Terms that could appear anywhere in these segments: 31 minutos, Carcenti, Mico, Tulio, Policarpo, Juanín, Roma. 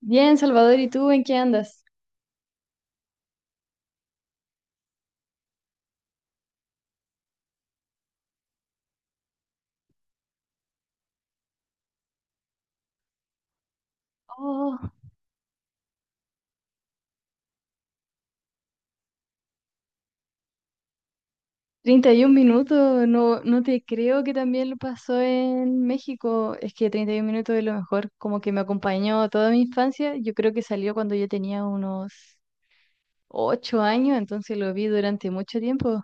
Bien, Salvador, ¿y tú en qué andas? Oh, 31 minutos, no, no te creo que también lo pasó en México. Es que 31 minutos es lo mejor, como que me acompañó toda mi infancia. Yo creo que salió cuando yo tenía unos 8 años, entonces lo vi durante mucho tiempo.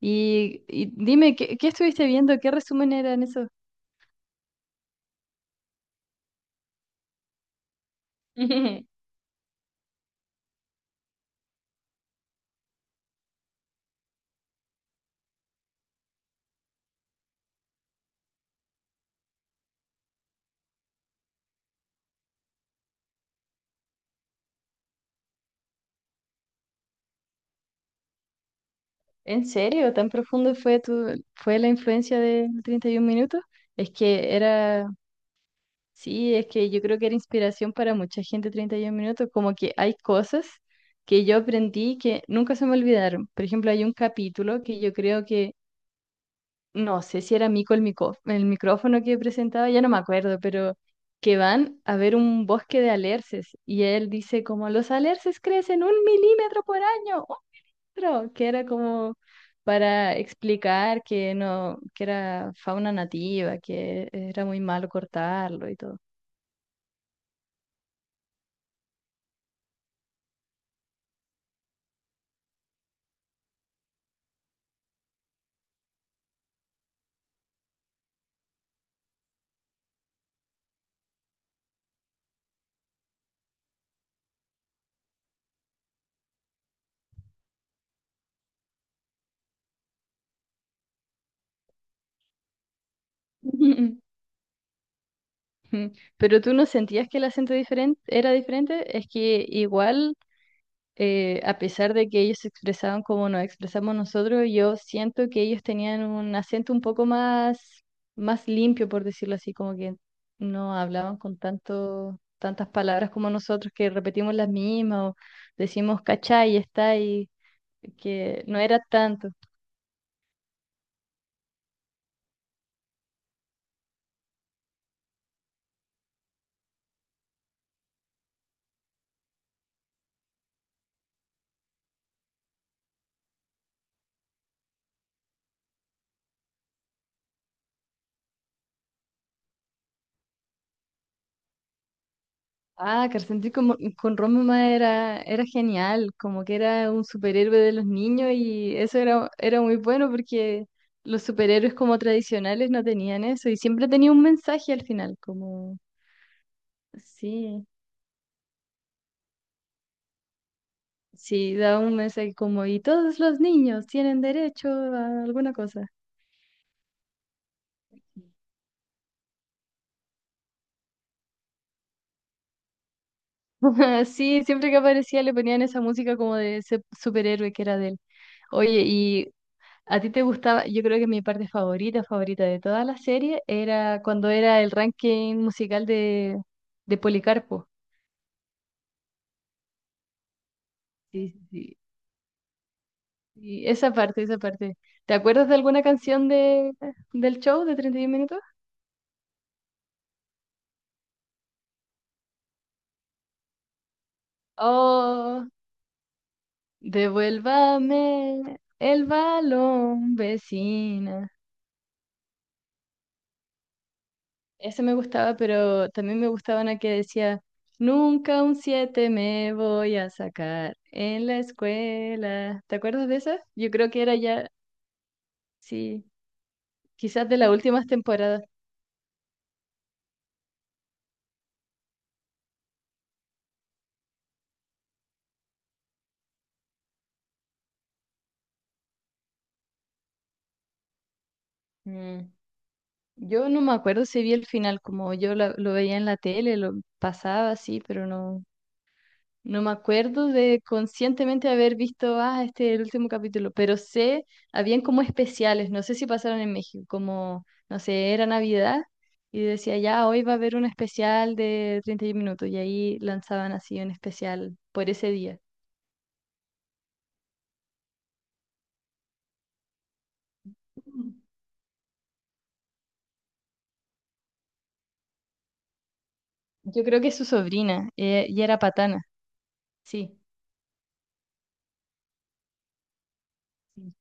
Y dime, ¿qué estuviste viendo? ¿Qué resumen eran eso? ¿En serio? ¿Tan profundo fue fue la influencia de 31 minutos? Es que era. Sí, es que yo creo que era inspiración para mucha gente 31 minutos, como que hay cosas que yo aprendí que nunca se me olvidaron. Por ejemplo, hay un capítulo que yo creo que, no sé si era Mico el micrófono que presentaba, ya no me acuerdo, pero que van a ver un bosque de alerces y él dice como los alerces crecen 1 milímetro por año, otro, que era como para explicar que no, que era fauna nativa, que era muy malo cortarlo y todo. Pero tú no sentías que el acento diferente era diferente, es que igual, a pesar de que ellos se expresaban como nos expresamos nosotros, yo siento que ellos tenían un acento un poco más limpio, por decirlo así, como que no hablaban con tantas palabras como nosotros, que repetimos las mismas o decimos cachai, está y que no era tanto. Ah, Carcenti con Roma era genial, como que era un superhéroe de los niños y eso era muy bueno porque los superhéroes como tradicionales no tenían eso y siempre tenía un mensaje al final, como, sí, sí, daba un mensaje como, y todos los niños tienen derecho a alguna cosa. Sí, siempre que aparecía le ponían esa música como de ese superhéroe que era de él. Oye, y ¿a ti te gustaba? Yo creo que mi parte favorita, favorita de toda la serie era cuando era el ranking musical de Policarpo. Sí, sí, sí. Y esa parte, esa parte. ¿Te acuerdas de alguna canción del show de 31 minutos? Oh, devuélvame el balón, vecina. Ese me gustaba, pero también me gustaba una que decía, nunca un 7 me voy a sacar en la escuela. ¿Te acuerdas de esa? Yo creo que era ya, sí, quizás de las últimas temporadas. Mm, Yo no me acuerdo si vi el final, como yo lo veía en la tele, lo pasaba así, pero no, no me acuerdo de conscientemente haber visto, ah, este es el último capítulo, pero sé, habían como especiales, no sé si pasaron en México, como, no sé, era Navidad y decía, ya, hoy va a haber un especial de 31 minutos y ahí lanzaban así un especial por ese día. Mm. Yo creo que es su sobrina y era patana, sí. Sí.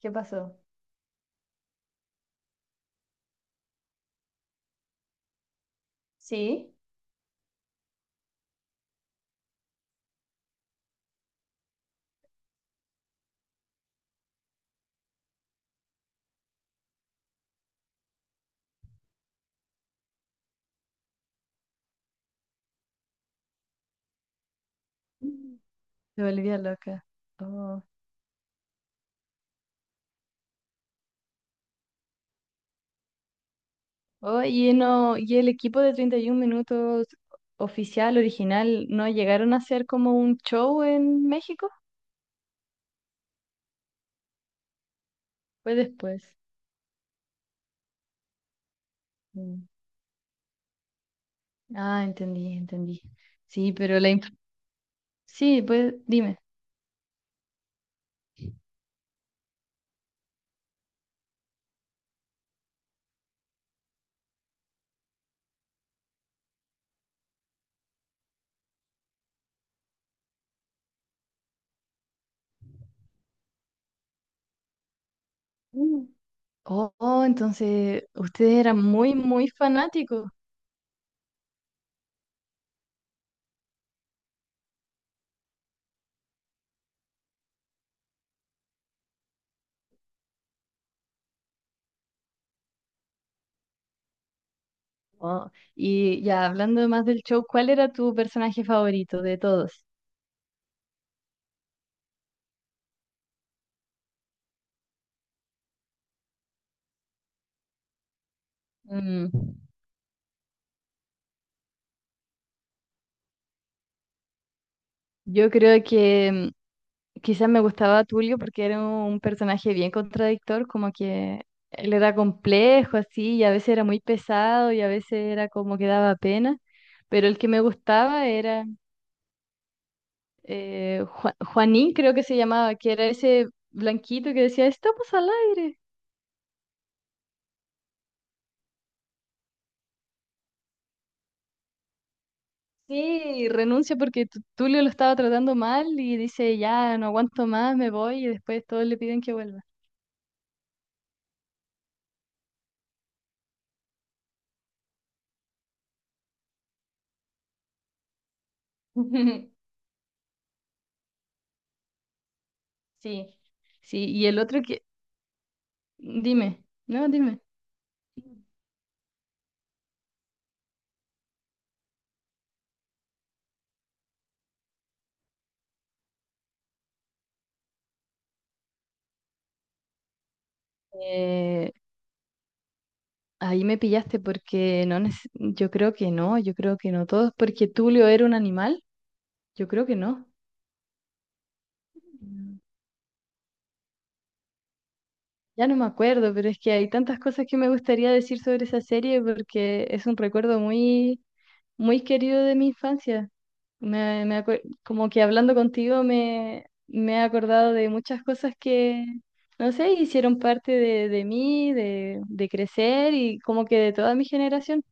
¿Qué pasó? Sí. Te volvía loca. Oh. Oye, no, y el equipo de 31 minutos oficial, original, ¿no llegaron a hacer como un show en México? Fue después. Mm. Ah, entendí, entendí. Sí, pero sí, pues dime. Mm. Oh, oh, entonces ustedes eran muy, muy fanáticos. Oh, y ya hablando más del show, ¿cuál era tu personaje favorito de todos? Mm, Yo creo que quizás me gustaba Tulio porque era un personaje bien contradictor, como que él era complejo así, y a veces era muy pesado y a veces era como que daba pena, pero el que me gustaba era Juanín, creo que se llamaba, que era ese blanquito que decía, estamos al aire. Sí, y renuncia porque Tulio lo estaba tratando mal y dice, ya, no aguanto más, me voy y después todos le piden que vuelva. Sí, sí, y el otro que, dime, no, dime. Eh, ahí me pillaste porque no, yo creo que no, yo creo que no todos, porque Tulio era un animal, yo creo que no. Mm. Ya no me acuerdo, pero es que hay tantas cosas que me gustaría decir sobre esa serie porque es un recuerdo muy, muy querido de mi infancia. Como que hablando contigo me he acordado de muchas cosas que, no sé, hicieron parte de mí, de crecer y como que de toda mi generación.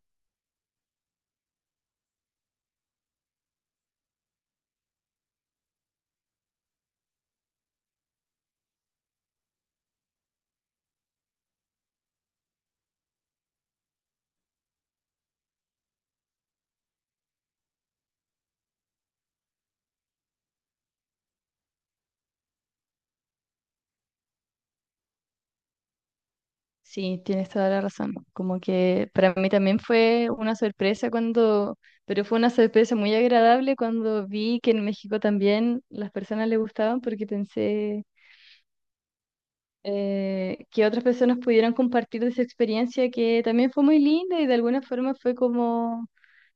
Sí, tienes toda la razón. Como que para mí también fue una sorpresa cuando, pero fue una sorpresa muy agradable cuando vi que en México también las personas le gustaban porque pensé que otras personas pudieran compartir de esa experiencia que también fue muy linda y de alguna forma fue como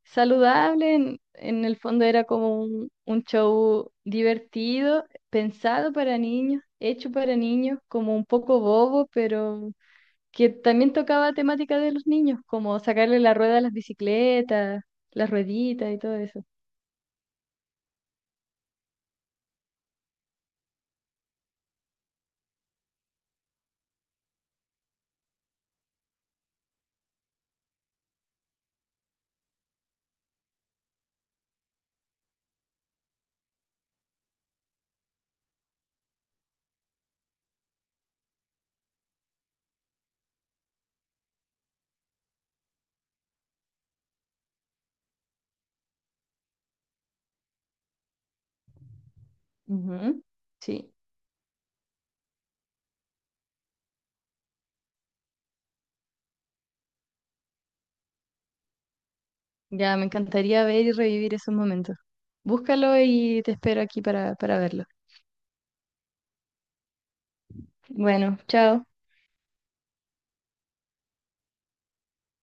saludable. En el fondo era como un show divertido, pensado para niños, hecho para niños, como un poco bobo, pero que también tocaba temática de los niños, como sacarle la rueda a las bicicletas, las rueditas y todo eso. Ujú. Sí, ya me encantaría ver y revivir esos momentos. Búscalo y te espero aquí para verlo. Bueno, chao.